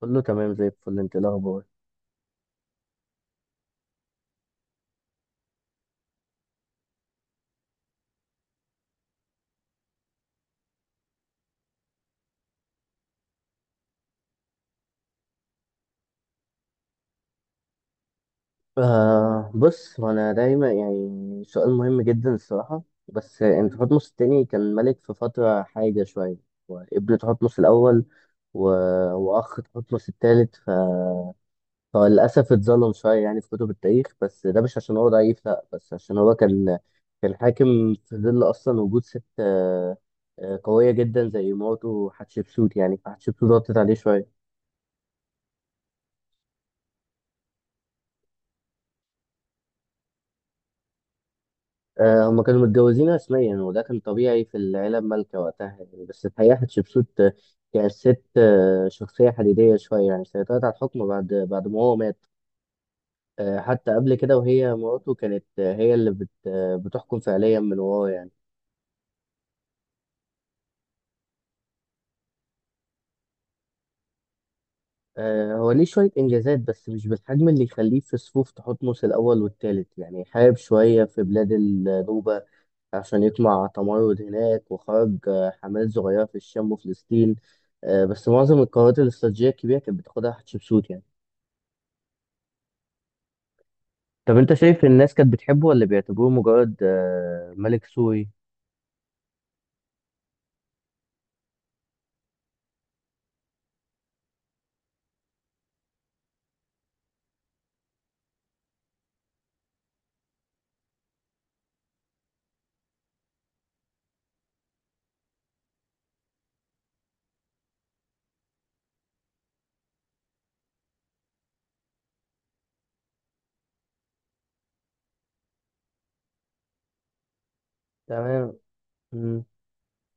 كله تمام زي الفل. انت ايه الاخبار؟ آه، بص، وانا دايما يعني سؤال مهم جدا الصراحه. بس انت حتمس التاني كان ملك في فتره حاجه شويه، وابن تحتمس الاول و... واخ تحتمس التالت. فللاسف اتظلم شويه يعني في كتب التاريخ، بس ده مش عشان هو ضعيف. لا، بس عشان هو كان حاكم في ظل اصلا وجود ست قويه جدا زي مراته حتشبسوت. يعني فحتشبسوت ضغطت عليه شويه. هما كانوا متجوزين رسميا، وده كان طبيعي في العيلة المالكة وقتها يعني. بس الحقيقة حتشبسوت كانت ست شخصية حديدية شوية. يعني سيطرت على الحكم بعد ما هو مات، حتى قبل كده وهي مراته كانت هي اللي بت آه، بتحكم فعليا من وراه يعني. هو ليه شوية إنجازات بس مش بالحجم اللي يخليه في صفوف تحتمس الأول والتالت. يعني حارب شوية في بلاد النوبة عشان يطمع تمرد هناك، وخرج حملات صغيرة في الشام وفلسطين. بس معظم القرارات الاستراتيجية الكبيرة كانت بتاخدها حتشبسوت يعني. طب أنت شايف الناس كانت بتحبه ولا بيعتبروه مجرد ملك سوري؟ تمام. مم.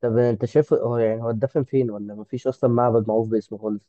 طب أنت شايف هو يعني هو اتدفن فين، ولا مفيش أصلا معبد معروف باسمه خالص؟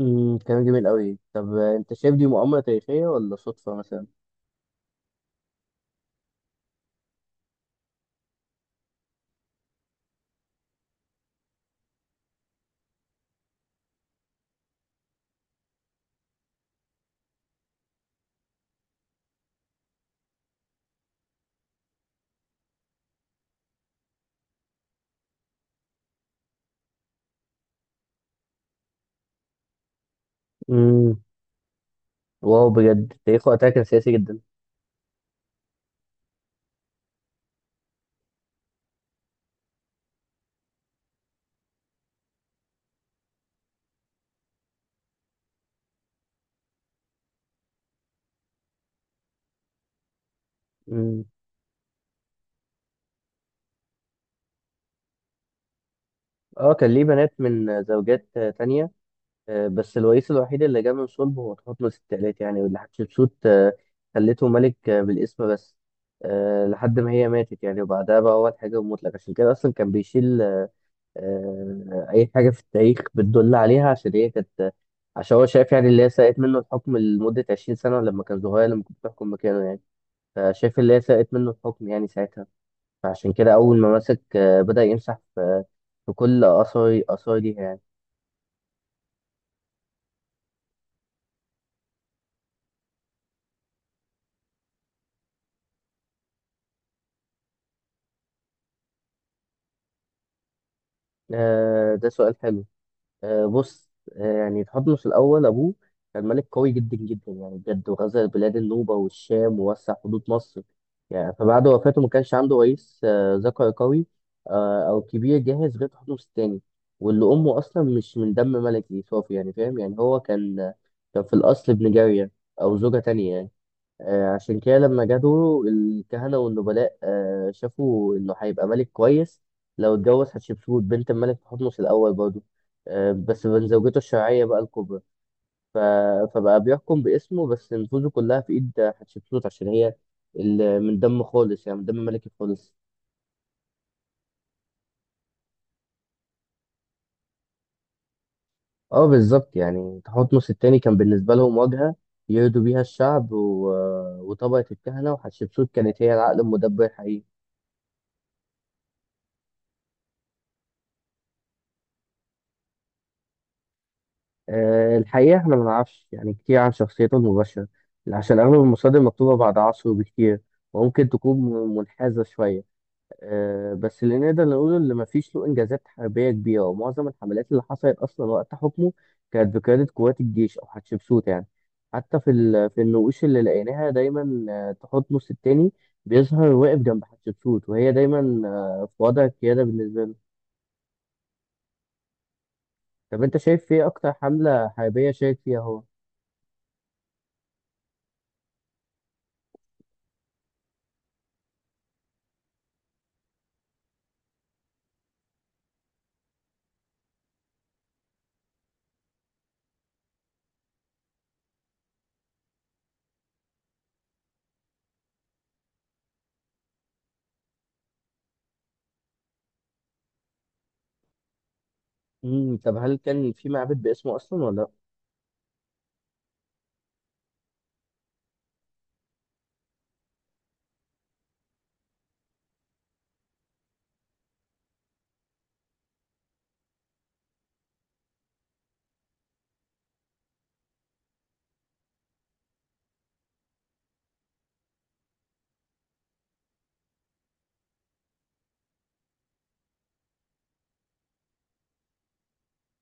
كلام جميل قوي. طب أنت شايف دي مؤامرة تاريخية ولا صدفة مثلا؟ امم واو، بجد تاريخه وقتها كان سياسي جدا. امم اه، كان ليه بنات من زوجات تانية، بس الرئيس الوحيد اللي جه من صلب هو تحتمس التالت. يعني واللي حتشبسوت خلته ملك بالاسم بس لحد ما هي ماتت. يعني وبعدها بقى هو الحاجة المطلق، عشان كده أصلا كان بيشيل أي حاجة في التاريخ بتدل عليها عشان هي كانت. عشان هو شايف يعني اللي هي سرقت منه الحكم لمدة 20 سنة لما كان صغير، لما كنت بتحكم مكانه يعني. فشايف اللي هي سرقت منه الحكم يعني ساعتها. فعشان كده أول ما مسك بدأ يمسح في كل آثار ليها يعني. ده سؤال حلو. بص، يعني تحتمس الأول أبوه كان ملك قوي جدا جدا. يعني بجد، وغزا بلاد النوبة والشام ووسع حدود مصر. يعني فبعد وفاته ما كانش عنده رئيس ذكر قوي أو كبير جاهز غير تحتمس التاني، واللي أمه أصلا مش من دم ملكي صافي. يعني فاهم، يعني هو كان كان في الأصل ابن جارية أو زوجة تانية يعني. عشان كده لما جاله الكهنة والنبلاء، شافوا إنه هيبقى ملك كويس لو اتجوز حتشبسوت بنت الملك تحتمس الأول برضه، بس من زوجته الشرعية بقى الكبرى. ف- فبقى بيحكم باسمه، بس نفوذه كلها في إيد حتشبسوت عشان هي من دم خالص، يعني من دم ملكي خالص. اه بالظبط، يعني تحتمس التاني كان بالنسبة لهم واجهة يرضوا بيها الشعب وطبقة الكهنة، وحتشبسوت كانت هي العقل المدبر الحقيقي. الحقيقة احنا ما نعرفش يعني كتير عن شخصيته المباشرة، عشان أغلب المصادر مكتوبة بعد عصره بكتير، وممكن تكون منحازة شوية. بس اللي نقدر نقوله إن مفيش له إنجازات حربية كبيرة، ومعظم الحملات اللي حصلت أصلا وقت حكمه كانت بقيادة قوات الجيش أو حتشبسوت يعني. حتى في النقوش اللي لقيناها، دايما تحتمس التاني بيظهر واقف جنب حتشبسوت، وهي دايما في وضع القيادة بالنسبة له. طب أنت شايف إيه أكتر حملة حربية شارك فيها هو؟ طب هل كان في معبد باسمه اصلا ولا لا؟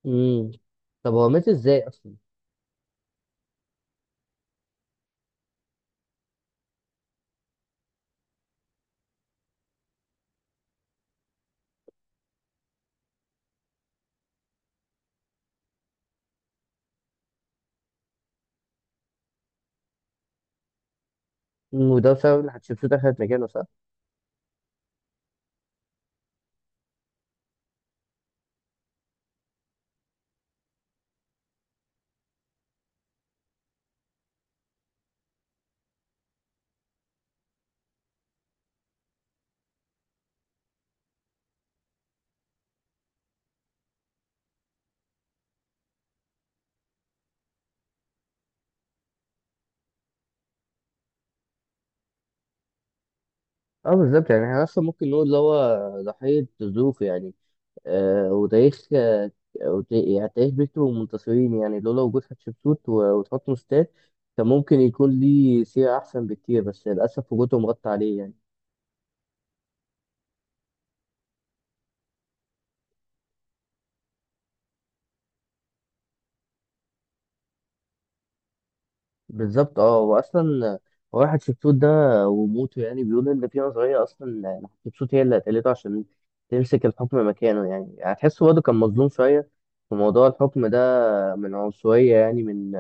امم طب هو مات ازاي اصلا؟ وده بسبب ان حتشبسوت اخذت مكانه، صح؟ اه بالظبط، يعني احنا اصلا ممكن نقول اللي هو ضحيه ظروفه يعني. آه وتاريخ آه يعني تاريخ بيته ومنتصرين. يعني لولا وجود حتشبسوت وتحتمس تاني كان ممكن يكون ليه سيره احسن بكتير، بس للاسف وجودهم غطى عليه يعني. بالظبط اه، واصلا واحد شبسوت ده وموته، يعني بيقول ان في نظريه اصلا إن شبسوت هي اللي قتلته عشان تمسك الحكم مكانه يعني. هتحسه برضه كان مظلوم شويه في موضوع الحكم ده، من عنصريه يعني، من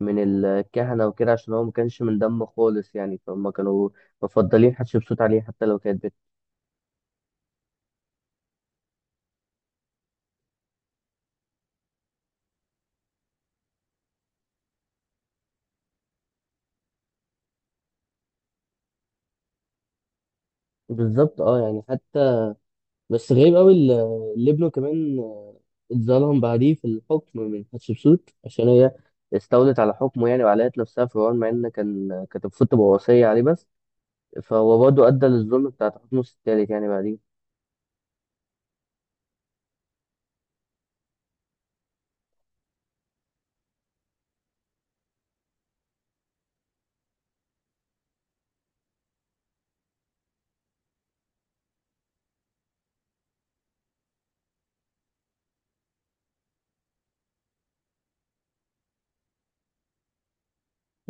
من الكهنه وكده، عشان هو ما كانش من دمه خالص يعني. فهم كانوا مفضلين حتشبسوت عليه، حتى لو كانت بالظبط اه، يعني بس غريب قوي اللي ابنه كمان اتظلم بعديه في الحكم من حتشبسوت، عشان هي استولت على حكمه. يعني وعلقت نفسها في العون، مع ان كانت المفروض تبقى وصية عليه بس. فهو برضه أدى للظلم بتاع تحتمس التالت يعني بعديه.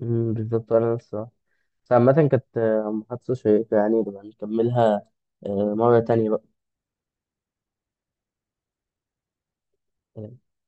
بالظبط. أنا نفس الصراحة. بس عامة كانت محادثة شيقة. يعني نبقى نكملها مرة تانية بقى